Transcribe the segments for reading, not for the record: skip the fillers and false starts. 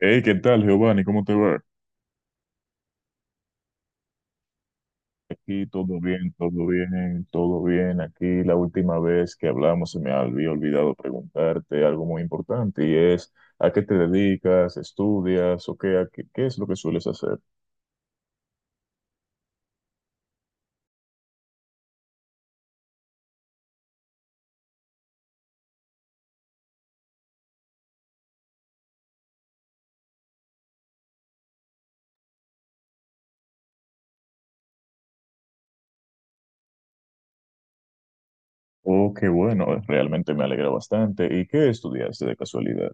Hey, ¿qué tal, Giovanni? ¿Cómo te va? Aquí todo bien, todo bien, todo bien. Aquí la última vez que hablamos se me había olvidado preguntarte algo muy importante y es, ¿a qué te dedicas? ¿Estudias o qué, qué es lo que sueles hacer? Oh, qué bueno, realmente me alegra bastante. ¿Y qué estudiaste de casualidad?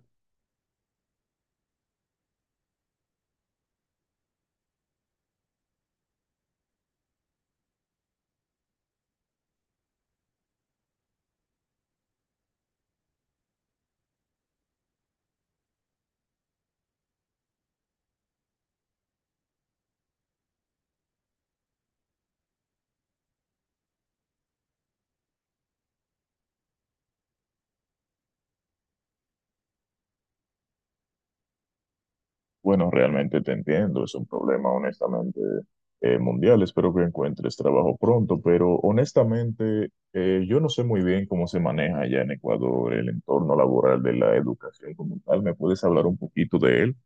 Bueno, realmente te entiendo, es un problema honestamente mundial. Espero que encuentres trabajo pronto, pero honestamente yo no sé muy bien cómo se maneja allá en Ecuador el entorno laboral de la educación como tal. ¿Me puedes hablar un poquito de él?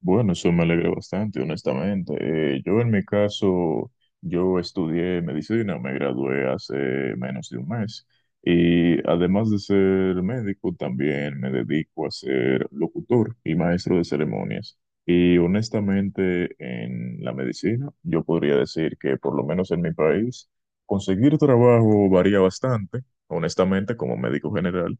Bueno, eso me alegra bastante, honestamente. Yo en mi caso, yo estudié medicina, me gradué hace menos de un mes y además de ser médico, también me dedico a ser locutor y maestro de ceremonias. Y honestamente, en la medicina, yo podría decir que por lo menos en mi país, conseguir trabajo varía bastante, honestamente, como médico general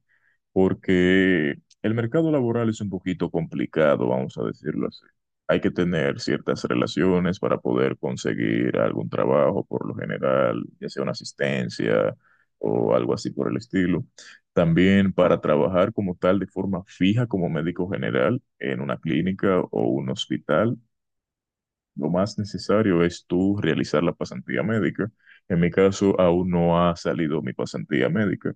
porque el mercado laboral es un poquito complicado, vamos a decirlo así. Hay que tener ciertas relaciones para poder conseguir algún trabajo, por lo general, ya sea una asistencia o algo así por el estilo. También para trabajar como tal de forma fija como médico general en una clínica o un hospital, lo más necesario es tú realizar la pasantía médica. En mi caso, aún no ha salido mi pasantía médica.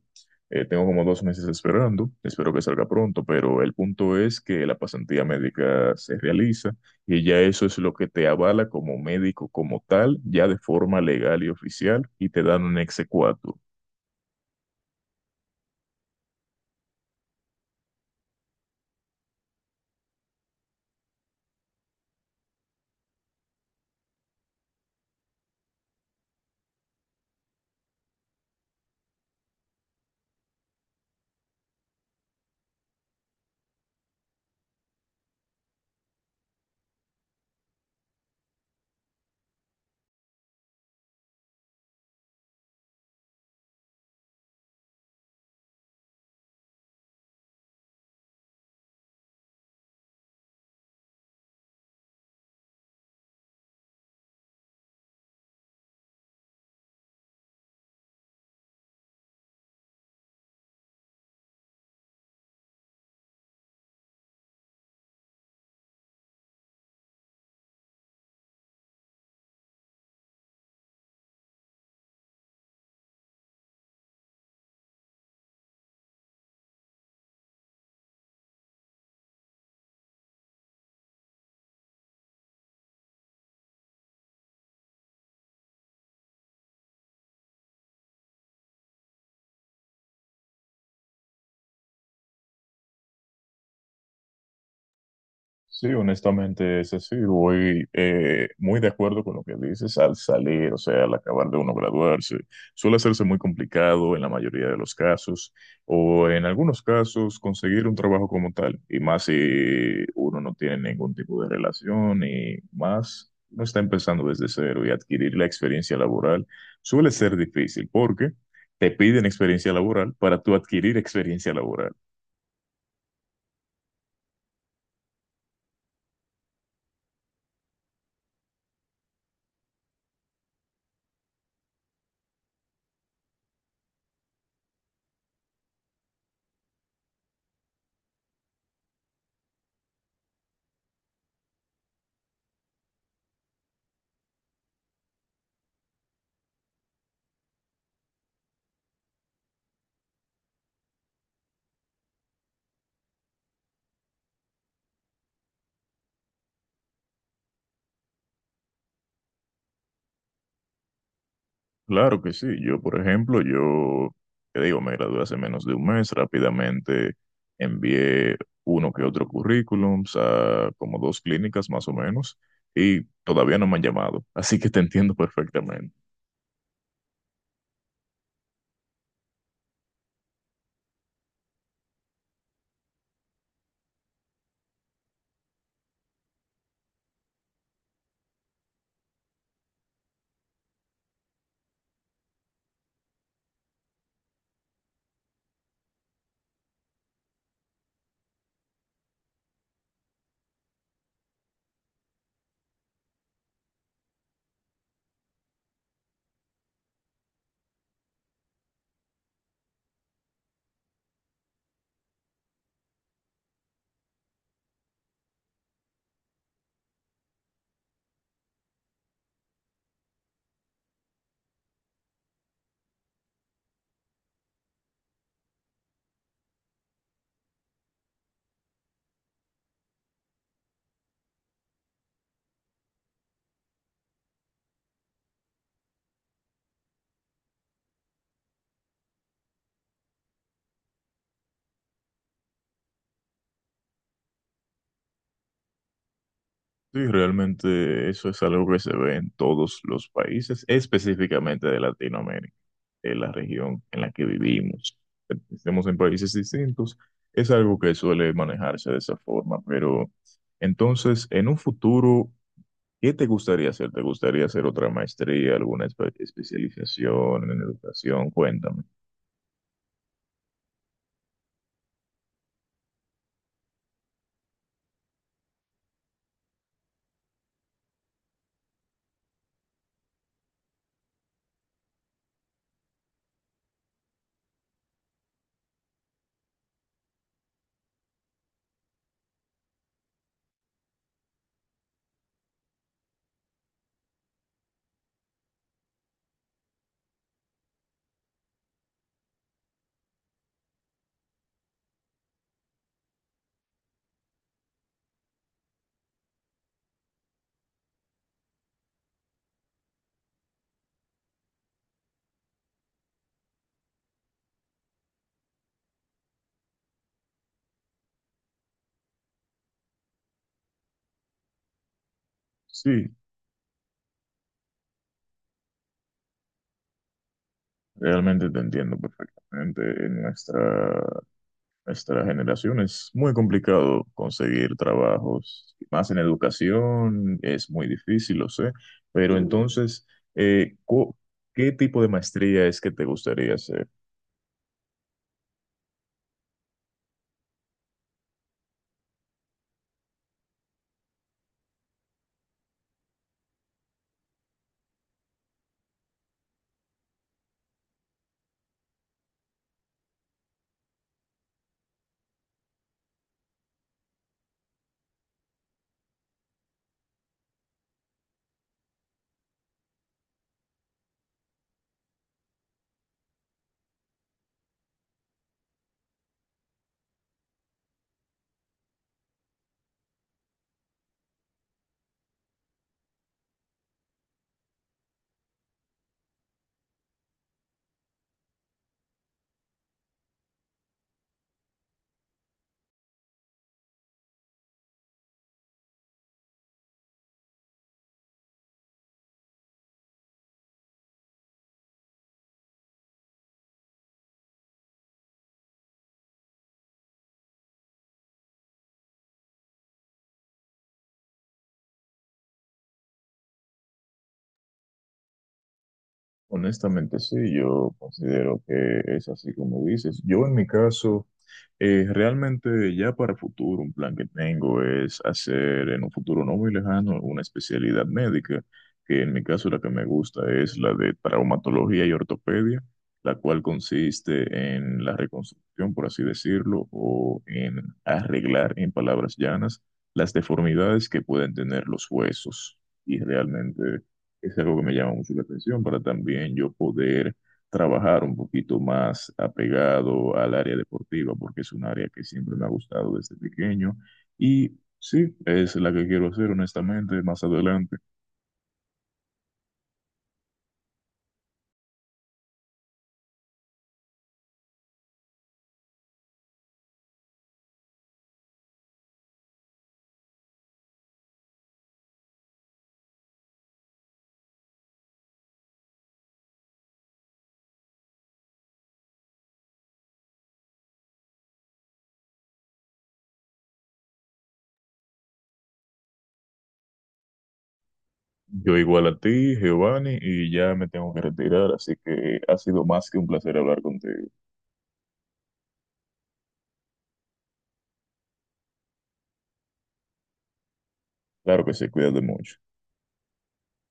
Tengo como dos meses esperando, espero que salga pronto, pero el punto es que la pasantía médica se realiza y ya eso es lo que te avala como médico como tal, ya de forma legal y oficial, y te dan un exequatur. Sí, honestamente es así. Voy muy de acuerdo con lo que dices al salir, o sea, al acabar de uno graduarse. Suele hacerse muy complicado en la mayoría de los casos, o en algunos casos conseguir un trabajo como tal, y más si uno no tiene ningún tipo de relación y más no está empezando desde cero y adquirir la experiencia laboral suele ser difícil porque te piden experiencia laboral para tú adquirir experiencia laboral. Claro que sí. Yo, por ejemplo, yo, te digo, me gradué hace menos de un mes, rápidamente envié uno que otro currículum a como dos clínicas más o menos, y todavía no me han llamado, así que te entiendo perfectamente. Sí, realmente eso es algo que se ve en todos los países, específicamente de Latinoamérica, de la región en la que vivimos. Estemos en países distintos, es algo que suele manejarse de esa forma, pero entonces, en un futuro, ¿qué te gustaría hacer? ¿Te gustaría hacer otra maestría, alguna especialización en educación? Cuéntame. Sí, realmente te entiendo perfectamente. En nuestra generación es muy complicado conseguir trabajos, más en educación, es muy difícil, lo sé. Pero entonces, eh, cu- ¿qué tipo de maestría es que te gustaría hacer? Honestamente, sí, yo considero que es así como dices. Yo en mi caso, realmente ya para futuro, un plan que tengo es hacer en un futuro no muy lejano una especialidad médica, que en mi caso la que me gusta es la de traumatología y ortopedia, la cual consiste en la reconstrucción, por así decirlo, o en arreglar, en palabras llanas, las deformidades que pueden tener los huesos. Y realmente es algo que me llama mucho la atención para también yo poder trabajar un poquito más apegado al área deportiva, porque es un área que siempre me ha gustado desde pequeño. Y sí, es la que quiero hacer, honestamente, más adelante. Yo igual a ti, Giovanni, y ya me tengo que retirar, así que ha sido más que un placer hablar contigo. Claro que se cuida de mucho.